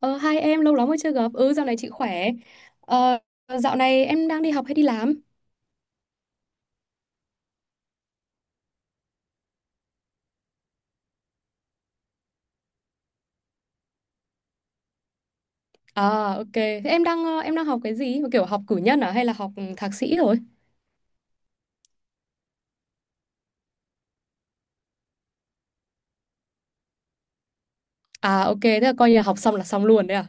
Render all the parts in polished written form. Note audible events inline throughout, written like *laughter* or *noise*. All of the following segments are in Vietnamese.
Ờ, hai em lâu lắm mới chưa gặp. Ừ, dạo này chị khỏe. Ờ, Dạo này em đang đi học hay đi làm? À, ok. Thế em đang học cái gì? Kiểu học cử nhân à hay là học thạc sĩ rồi? À, ok. Thế là coi như là học xong là xong luôn đấy à?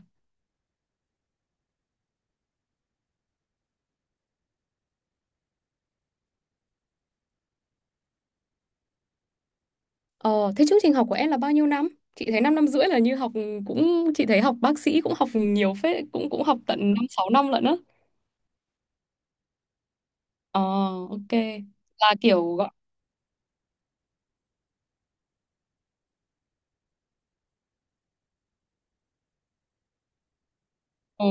Ờ, Thế chương trình học của em là bao nhiêu năm? Chị thấy 5 năm năm rưỡi là như học cũng chị thấy học bác sĩ cũng học nhiều phết, cũng cũng học tận 5 6 năm lận á. Ờ, ok. Là kiểu gọi ờ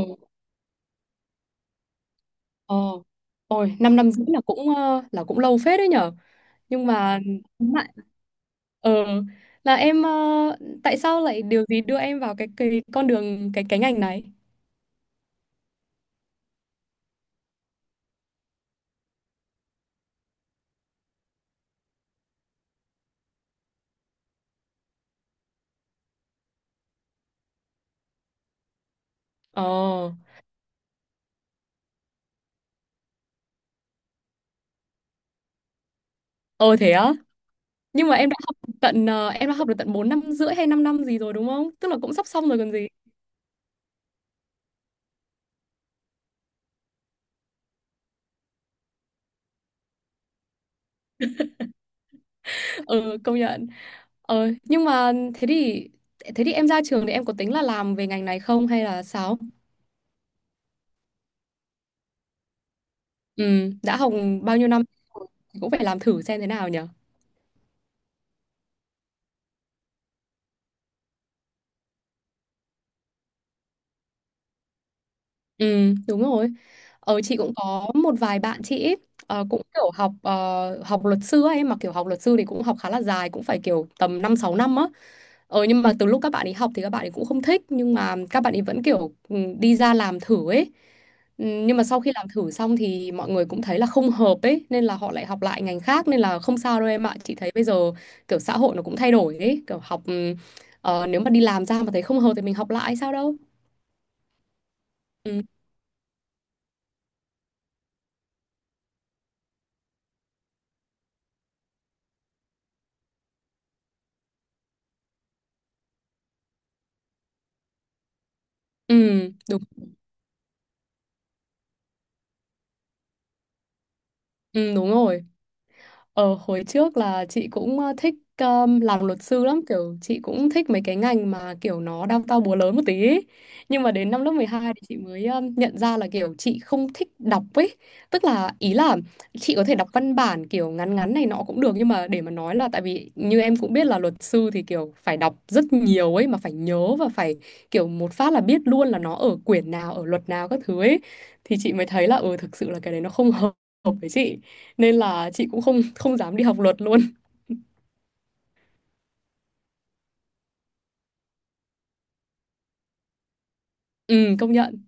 ờ ôi 5 năm năm rưỡi là là cũng lâu phết đấy nhở. Nhưng mà Ờ, là em ờ, tại sao lại điều gì đưa em vào cái con đường cái ngành này? Ờ, ờ, thế á. Nhưng mà em đã học tận ờ, em đã học được tận 4 năm rưỡi hay 5 năm gì rồi đúng không? Tức là cũng sắp xong rồi còn gì. *laughs* Ờ công nhận. Nhưng mà thế thì em ra trường thì em có tính là làm về ngành này không hay là sao? Ừ, đã học bao nhiêu năm thì cũng phải làm thử xem thế nào nhở. Ừ, đúng rồi. Chị cũng có một vài bạn chị ấy, cũng kiểu học luật sư ấy mà kiểu học luật sư thì cũng học khá là dài cũng phải kiểu tầm 5 6 năm á. Nhưng mà từ lúc các bạn ấy học thì các bạn ấy cũng không thích nhưng mà các bạn ấy vẫn kiểu ừ, đi ra làm thử ấy. Ừ, nhưng mà sau khi làm thử xong thì mọi người cũng thấy là không hợp ấy nên là họ lại học lại ngành khác nên là không sao đâu em ạ. Chị thấy bây giờ kiểu xã hội nó cũng thay đổi ấy, kiểu học ừ, ờ, nếu mà đi làm ra mà thấy không hợp thì mình học lại sao đâu. Ừ, ừ, đúng, ừ, đúng rồi. Hồi trước là chị cũng thích làm luật sư lắm kiểu chị cũng thích mấy cái ngành mà kiểu nó đao to búa lớn một tí ấy. Nhưng mà đến năm lớp 12 thì chị mới nhận ra là kiểu chị không thích đọc ấy, tức là ý là chị có thể đọc văn bản kiểu ngắn ngắn này nọ cũng được nhưng mà để mà nói là tại vì như em cũng biết là luật sư thì kiểu phải đọc rất nhiều ấy mà phải nhớ và phải kiểu một phát là biết luôn là nó ở quyển nào ở luật nào các thứ ấy, thì chị mới thấy là ừ thực sự là cái đấy nó không *laughs* hợp hợp với chị nên là chị cũng không không dám đi học luật luôn. Công nhận.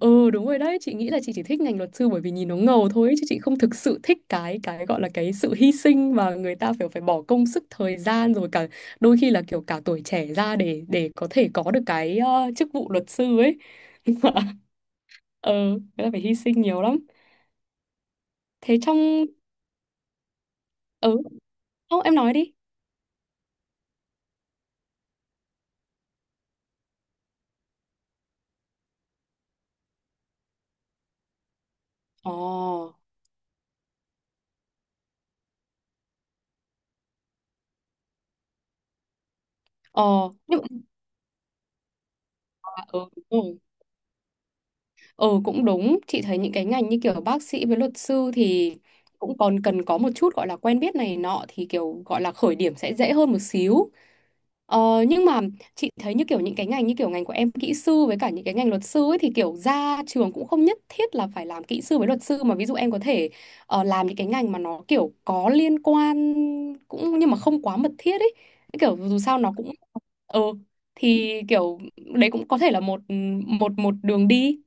Ừ, đúng rồi đấy, chị nghĩ là chị chỉ thích ngành luật sư bởi vì nhìn nó ngầu thôi ấy, chứ chị không thực sự thích cái gọi là cái sự hy sinh mà người ta phải phải bỏ công sức thời gian rồi cả đôi khi là kiểu cả tuổi trẻ ra để có thể có được cái chức vụ luật sư ấy. Ờ, người ta phải hy sinh nhiều lắm. Thế trong ừ, Không, em nói đi. Ồ, nhưng mà ừ, đúng. Ừ cũng đúng, chị thấy những cái ngành như kiểu bác sĩ với luật sư thì cũng còn cần có một chút gọi là quen biết này nọ thì kiểu gọi là khởi điểm sẽ dễ hơn một xíu. Ờ, nhưng mà chị thấy như kiểu những cái ngành như kiểu ngành của em kỹ sư với cả những cái ngành luật sư ấy thì kiểu ra trường cũng không nhất thiết là phải làm kỹ sư với luật sư mà ví dụ em có thể làm những cái ngành mà nó kiểu có liên quan cũng nhưng mà không quá mật thiết ấy. Kiểu dù sao nó cũng ờ thì kiểu đấy cũng có thể là một một một đường đi.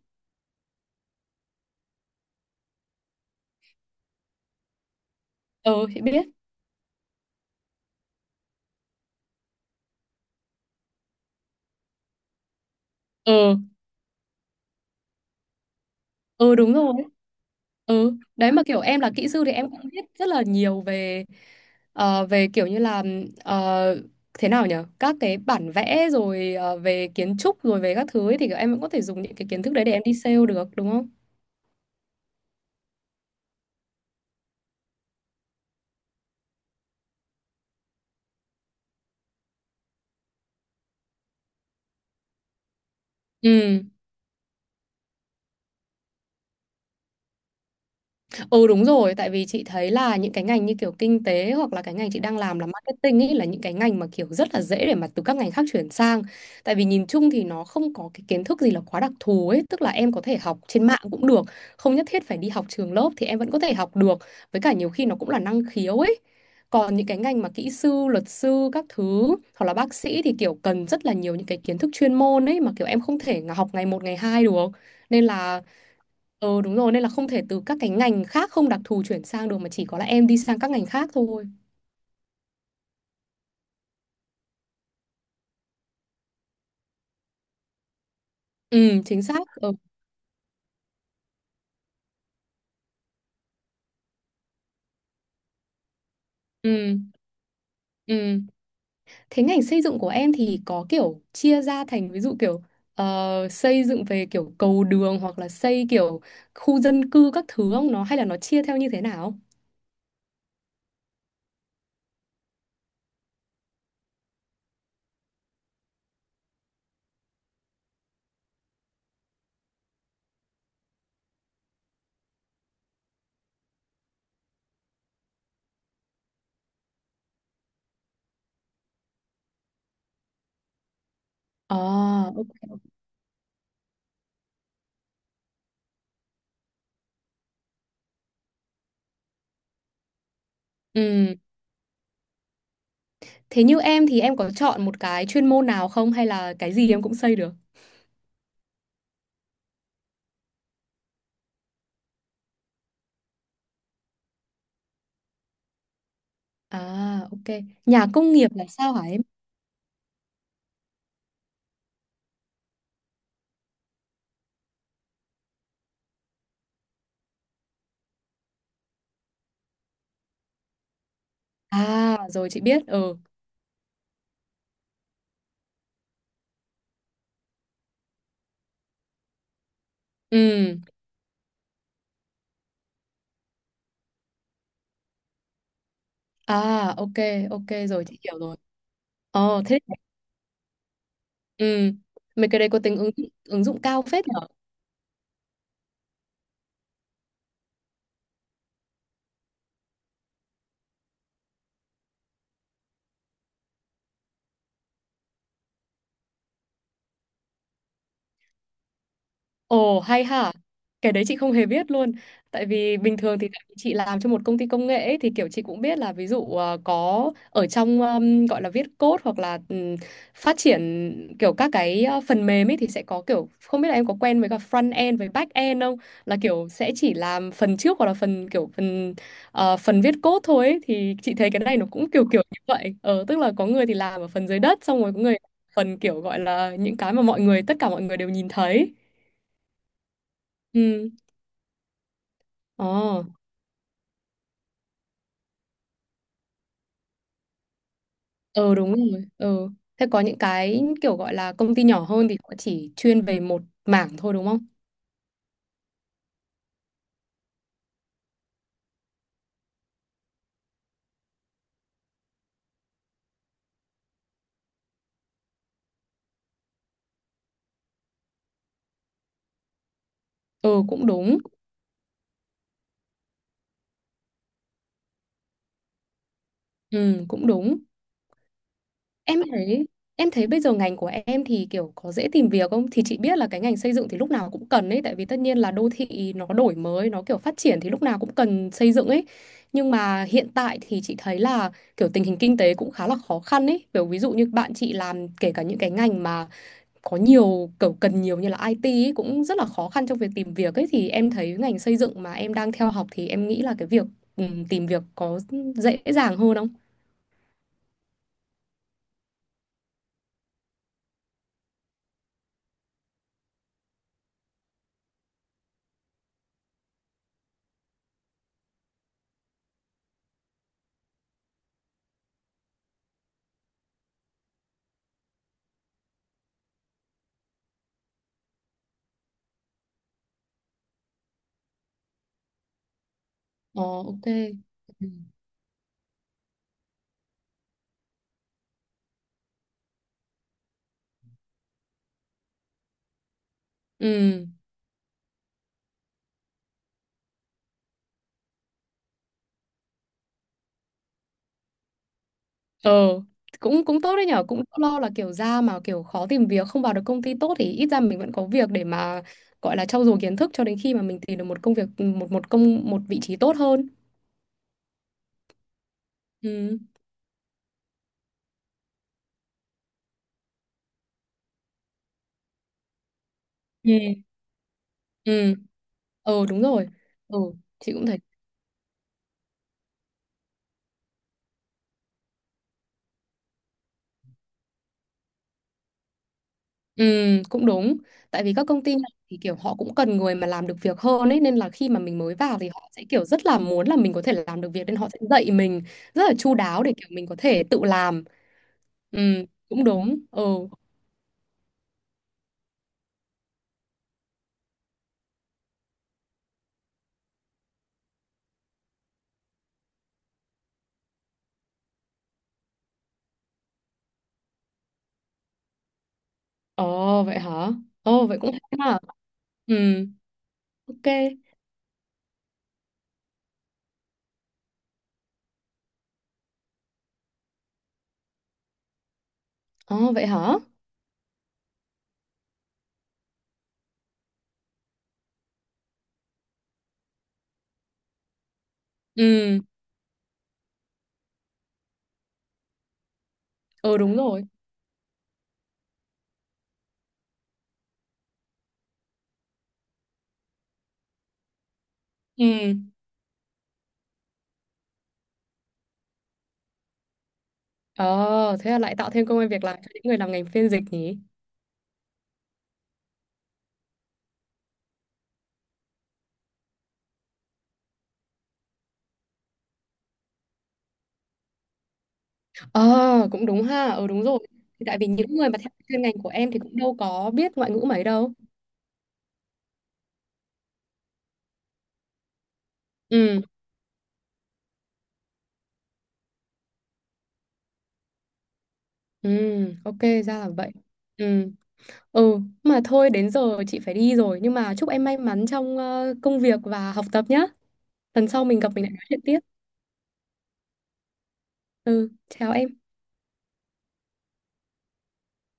Ờ chị biết. Ừ, ừ đúng rồi, ừ đấy mà kiểu em là kỹ sư thì em cũng biết rất là nhiều về kiểu như là ờ, thế nào nhở các cái bản vẽ rồi về kiến trúc rồi về các thứ ấy, thì kiểu em cũng có thể dùng những cái kiến thức đấy để em đi sale được đúng không? Ừ. Ừ đúng rồi, tại vì chị thấy là những cái ngành như kiểu kinh tế hoặc là cái ngành chị đang làm là marketing ấy là những cái ngành mà kiểu rất là dễ để mà từ các ngành khác chuyển sang. Tại vì nhìn chung thì nó không có cái kiến thức gì là quá đặc thù ấy, tức là em có thể học trên mạng cũng được, không nhất thiết phải đi học trường lớp thì em vẫn có thể học được. Với cả nhiều khi nó cũng là năng khiếu ấy. Còn những cái ngành mà kỹ sư, luật sư các thứ hoặc là bác sĩ thì kiểu cần rất là nhiều những cái kiến thức chuyên môn ấy mà kiểu em không thể học ngày một ngày hai được. Nên là ừ đúng rồi nên là không thể từ các cái ngành khác không đặc thù chuyển sang được mà chỉ có là em đi sang các ngành khác thôi. Ừ chính xác. Ừ. Ừ. Ừ. Thế ngành xây dựng của em thì có kiểu chia ra thành ví dụ kiểu xây dựng về kiểu cầu đường hoặc là xây kiểu khu dân cư các thứ không nó hay là nó chia theo như thế nào? À, ok. Ừ. Thế như em thì em có chọn một cái chuyên môn nào không hay là cái gì em cũng xây được? À ok. Nhà công nghiệp là sao hả em? À rồi chị biết. Ừ. Ừ. À, ok, ok rồi chị hiểu rồi. Ờ thế, ừ. Mấy cái đấy có tính ứng dụng cao phết nhỉ? Ồ hay hả, cái đấy chị không hề biết luôn. Tại vì bình thường thì tại vì chị làm cho một công ty công nghệ ấy, thì kiểu chị cũng biết là ví dụ có ở trong gọi là viết code hoặc là phát triển kiểu các cái phần mềm ấy thì sẽ có kiểu không biết là em có quen với cả front end với back end không? Là kiểu sẽ chỉ làm phần trước hoặc là phần kiểu phần ờ, phần viết code thôi ấy. Thì chị thấy cái này nó cũng kiểu kiểu như vậy. Ờ tức là có người thì làm ở phần dưới đất xong rồi có người phần kiểu gọi là những cái mà mọi người tất cả mọi người đều nhìn thấy. Ừ. Ồ, ờ đúng rồi. Ờ, Thế có những cái kiểu gọi là công ty nhỏ hơn thì họ chỉ chuyên về một mảng thôi đúng không? Ừ cũng đúng. Ừ cũng đúng. Em thấy em thấy bây giờ ngành của em thì kiểu có dễ tìm việc không? Thì chị biết là cái ngành xây dựng thì lúc nào cũng cần ấy tại vì tất nhiên là đô thị nó đổi mới, nó kiểu phát triển thì lúc nào cũng cần xây dựng ấy. Nhưng mà hiện tại thì chị thấy là kiểu tình hình kinh tế cũng khá là khó khăn ấy. Kiểu ví dụ như bạn chị làm kể cả những cái ngành mà có nhiều kiểu cần nhiều như là IT ấy, cũng rất là khó khăn trong việc tìm việc ấy thì em thấy ngành xây dựng mà em đang theo học thì em nghĩ là cái việc tìm việc có dễ dàng hơn không? Ờ ok. Ừ. Ừ. Ờ cũng cũng tốt đấy nhở, cũng lo là kiểu ra mà kiểu khó tìm việc không vào được công ty tốt thì ít ra mình vẫn có việc để mà gọi là trau dồi kiến thức cho đến khi mà mình tìm được một công việc một một công một vị trí tốt hơn. Ừ. Ừ. Ừ. Ờ đúng rồi. Ừ, chị cũng thấy. Ừ, cũng đúng. Tại vì các công ty này thì kiểu họ cũng cần người mà làm được việc hơn ấy nên là khi mà mình mới vào thì họ sẽ kiểu rất là muốn là mình có thể làm được việc nên họ sẽ dạy mình rất là chu đáo để kiểu mình có thể tự làm. Ừ, cũng đúng. Ừ. Ồ vậy hả? Ồ vậy cũng hay mà. Ừ, ok. Ồ vậy hả? Ừ, ừ đúng rồi. Ừ. Ờ thế là lại tạo thêm công ăn việc làm cho những người làm ngành phiên dịch nhỉ? Ờ, cũng đúng ha. Ừ, đúng rồi. Thì tại vì những người mà theo chuyên ngành của em thì cũng đâu có biết ngoại ngữ mấy đâu. Ừ, ừ, ok, ra là vậy. Ừ, ừ, mà thôi đến giờ chị phải đi rồi. Nhưng mà chúc em may mắn trong công việc và học tập nhá. Lần sau mình gặp mình lại nói chuyện tiếp. Ừ, chào em.